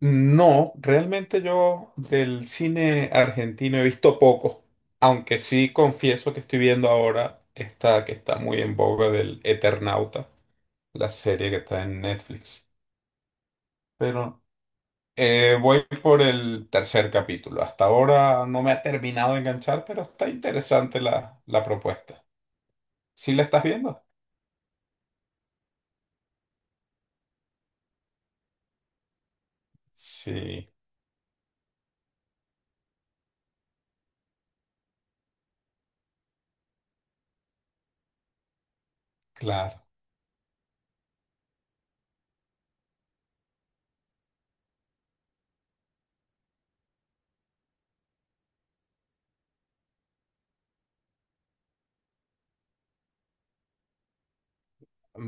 No, realmente yo del cine argentino he visto poco, aunque sí confieso que estoy viendo ahora esta que está muy en boga del Eternauta, la serie que está en Netflix. Pero voy por el tercer capítulo. Hasta ahora no me ha terminado de enganchar, pero está interesante la propuesta. ¿Sí la estás viendo? Sí, claro.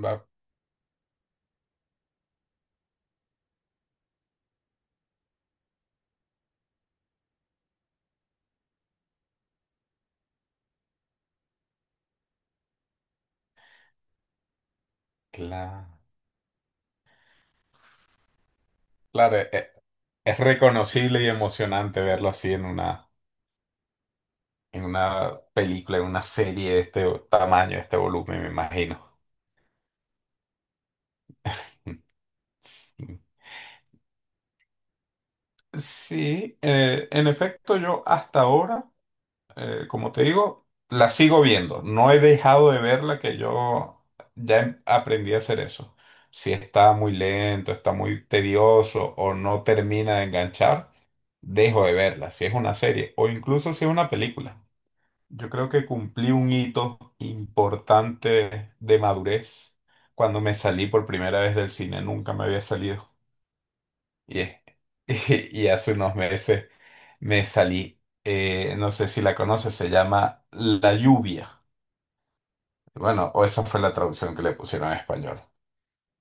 Va- cla- claro, e- e, es reconocible y emocionante verlo así en una en una película, en una serie de este tamaño, de este volumen, me imagino. Sí, sí, en efecto, yo hasta ahora, como te digo, la sigo viendo. No he dejado de verla, que yo ya aprendí a hacer eso. Si está muy lento, está muy tedioso o no termina de enganchar, dejo de verla. Si es una serie o incluso si es una película. Yo creo que cumplí un hito importante de madurez cuando me salí por primera vez del cine. Nunca me había salido. Y, es- y hace unos meses me salí. No sé si la conoces, se llama La Lluvia. Bueno, o esa fue la traducción que le pusieron en español,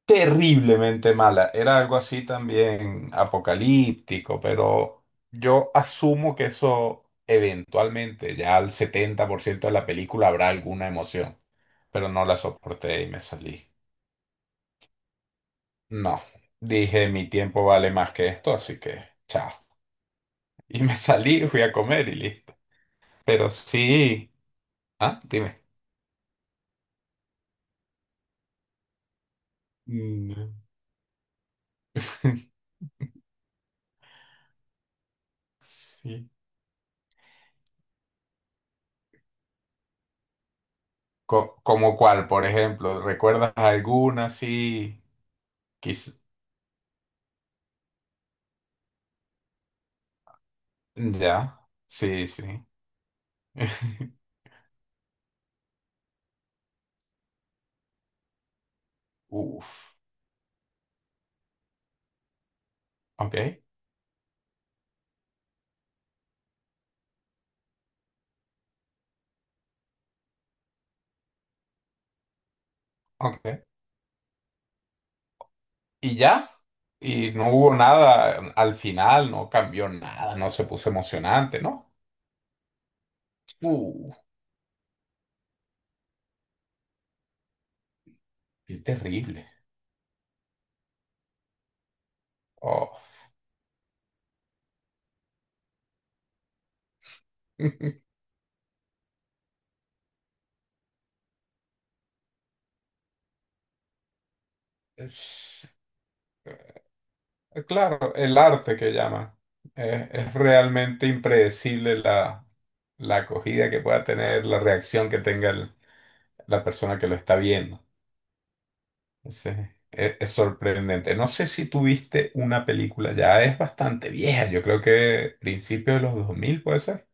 terriblemente mala. Era algo así también apocalíptico, pero yo asumo que eso eventualmente, ya al 70% de la película habrá alguna emoción, pero no la soporté y me salí. No, dije: mi tiempo vale más que esto, así que chao. Y me salí, fui a comer y listo. Pero sí, ah, dime. Mm. Sí. Como cuál, por ejemplo, ¿recuerdas alguna así? Ya, sí, sí. Uf, ok, ok. Y ya, y no hubo nada al final, no cambió nada, no se puso emocionante, ¿no? Uh, qué terrible. Oh. Es- claro, el arte que llaman. Es realmente impredecible la acogida que pueda tener, la reacción que tenga la persona que lo está viendo. Sí, es sorprendente. No sé si tuviste una película, ya es bastante vieja, yo creo que principio de los 2000 puede ser.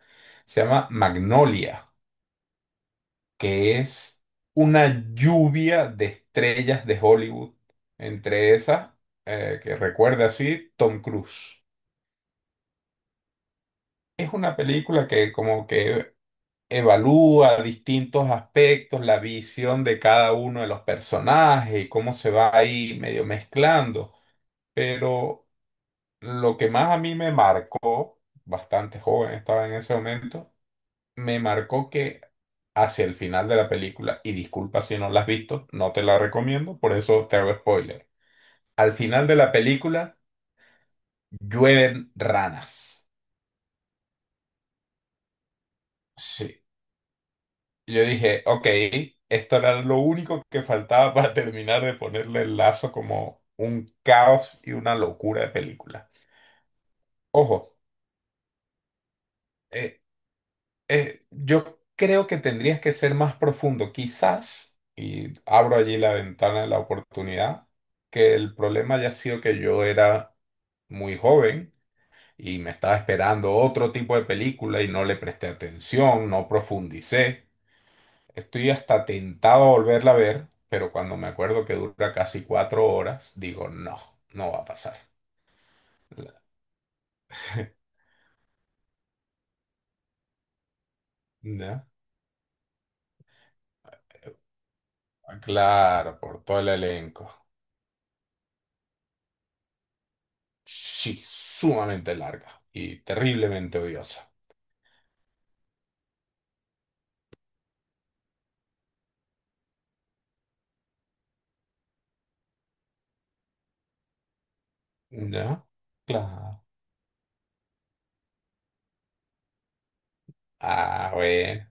Se llama Magnolia, que es una lluvia de estrellas de Hollywood. Entre esas, que recuerda así, Tom Cruise. Es una película que como que evalúa distintos aspectos, la visión de cada uno de los personajes y cómo se va ahí medio mezclando. Pero lo que más a mí me marcó, bastante joven estaba en ese momento, me marcó que hacia el final de la película, y disculpa si no la has visto, no te la recomiendo, por eso te hago spoiler. Al final de la película llueven ranas. Sí. Yo dije, ok, esto era lo único que faltaba para terminar de ponerle el lazo como un caos y una locura de película. Ojo, e- yo creo que tendrías que ser más profundo, quizás, y abro allí la ventana de la oportunidad, que el problema haya sido que yo era muy joven y me estaba esperando otro tipo de película y no le presté atención, no profundicé. Estoy hasta tentado a volverla a ver, pero cuando me acuerdo que dura casi 4 horas, digo, no, no va a pasar. ¿Ya? Claro, por todo el elenco. Sí, sumamente larga y terriblemente odiosa. ¿Ya? Claro. Ah, bueno.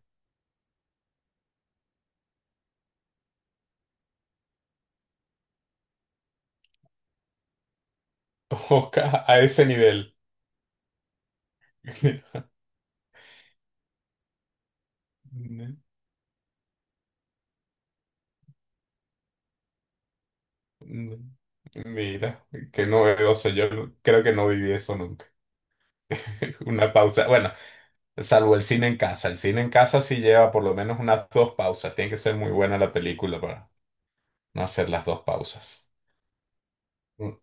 Oca, a ese nivel. Mira, qué novedoso. Yo no, creo que no viví eso nunca. Una pausa. Bueno, salvo el cine en casa. El cine en casa sí lleva por lo menos unas dos pausas. Tiene que ser muy buena la película para no hacer las dos pausas. Mm,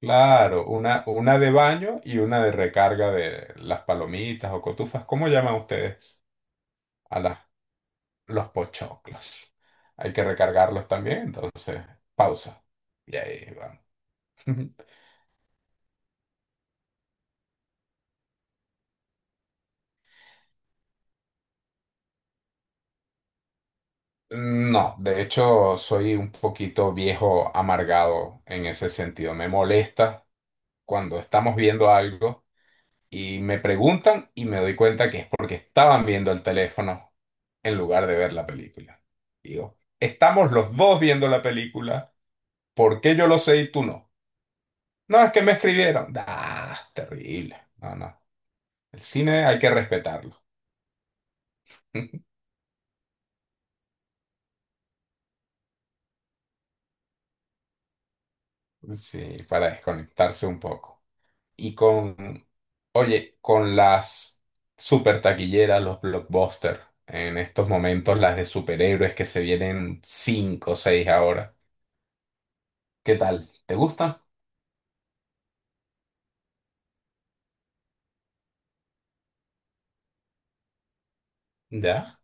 claro, una de baño y una de recarga de las palomitas o cotufas. ¿Cómo llaman ustedes? a las- los pochoclos. Hay que recargarlos también, entonces pausa. Y ahí vamos. No, de hecho soy un poquito viejo amargado en ese sentido. Me molesta cuando estamos viendo algo y me preguntan y me doy cuenta que es porque estaban viendo el teléfono en lugar de ver la película. Digo, estamos los dos viendo la película, ¿por qué yo lo sé y tú no? No, es que me escribieron. Ah, terrible. No, no. El cine hay que respetarlo. Sí, para desconectarse un poco. Y con, oye, con las super taquilleras, los blockbusters, en estos momentos las de superhéroes que se vienen cinco o seis ahora. ¿Qué tal? ¿Te gustan? ¿Ya?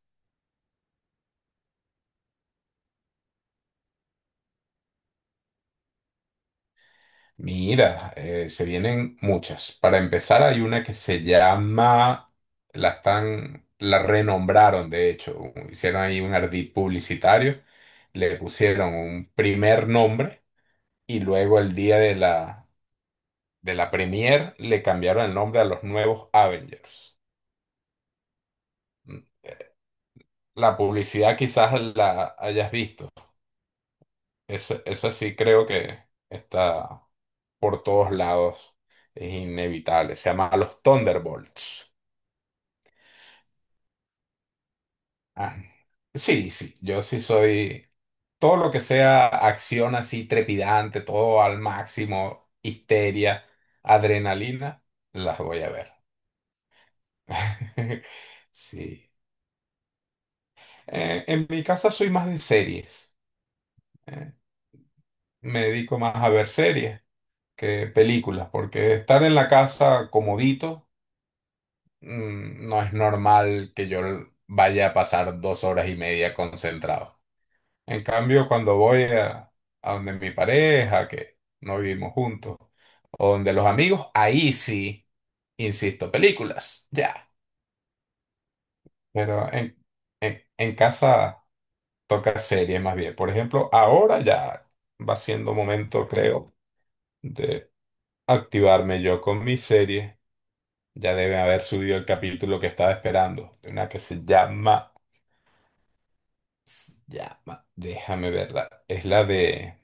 Mira, se vienen muchas. Para empezar, hay una que se llama, la están, la renombraron, de hecho, hicieron ahí un ardid publicitario, le pusieron un primer nombre y luego el día de la premier le cambiaron el nombre a los nuevos Avengers. Mm, eh, La publicidad quizás la hayas visto. Eso sí creo que está por todos lados. Es inevitable. Se llama los Thunderbolts. Ah, sí, sí, yo sí soy todo lo que sea acción así trepidante, todo al máximo, histeria, adrenalina, las voy a ver. Sí. En mi casa soy más de series. eh, Me dedico más a ver series que películas, porque estar en la casa comodito, no es normal que yo vaya a pasar 2 horas y media concentrado. En cambio, cuando voy a donde mi pareja, que no vivimos juntos, o donde los amigos, ahí sí, insisto, películas, ya. Pero en, en casa toca series más bien. Por ejemplo, ahora ya va siendo momento, creo, de activarme yo con mi serie. Ya debe haber subido el capítulo que estaba esperando. De una que se llama, déjame verla. Es la de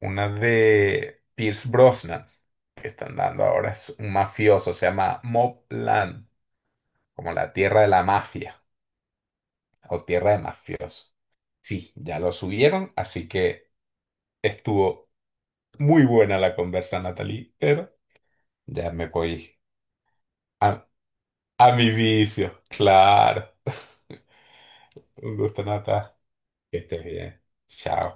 una de Pierce Brosnan que están dando ahora. Es un mafioso, se llama Mobland, como la tierra de la mafia o tierra de mafiosos. Sí, ya lo subieron, así que estuvo muy buena la conversa, Natalie, pero ya me voy a, a mi vicio. Claro. Un gusto, Nata. Que estés bien. Chao.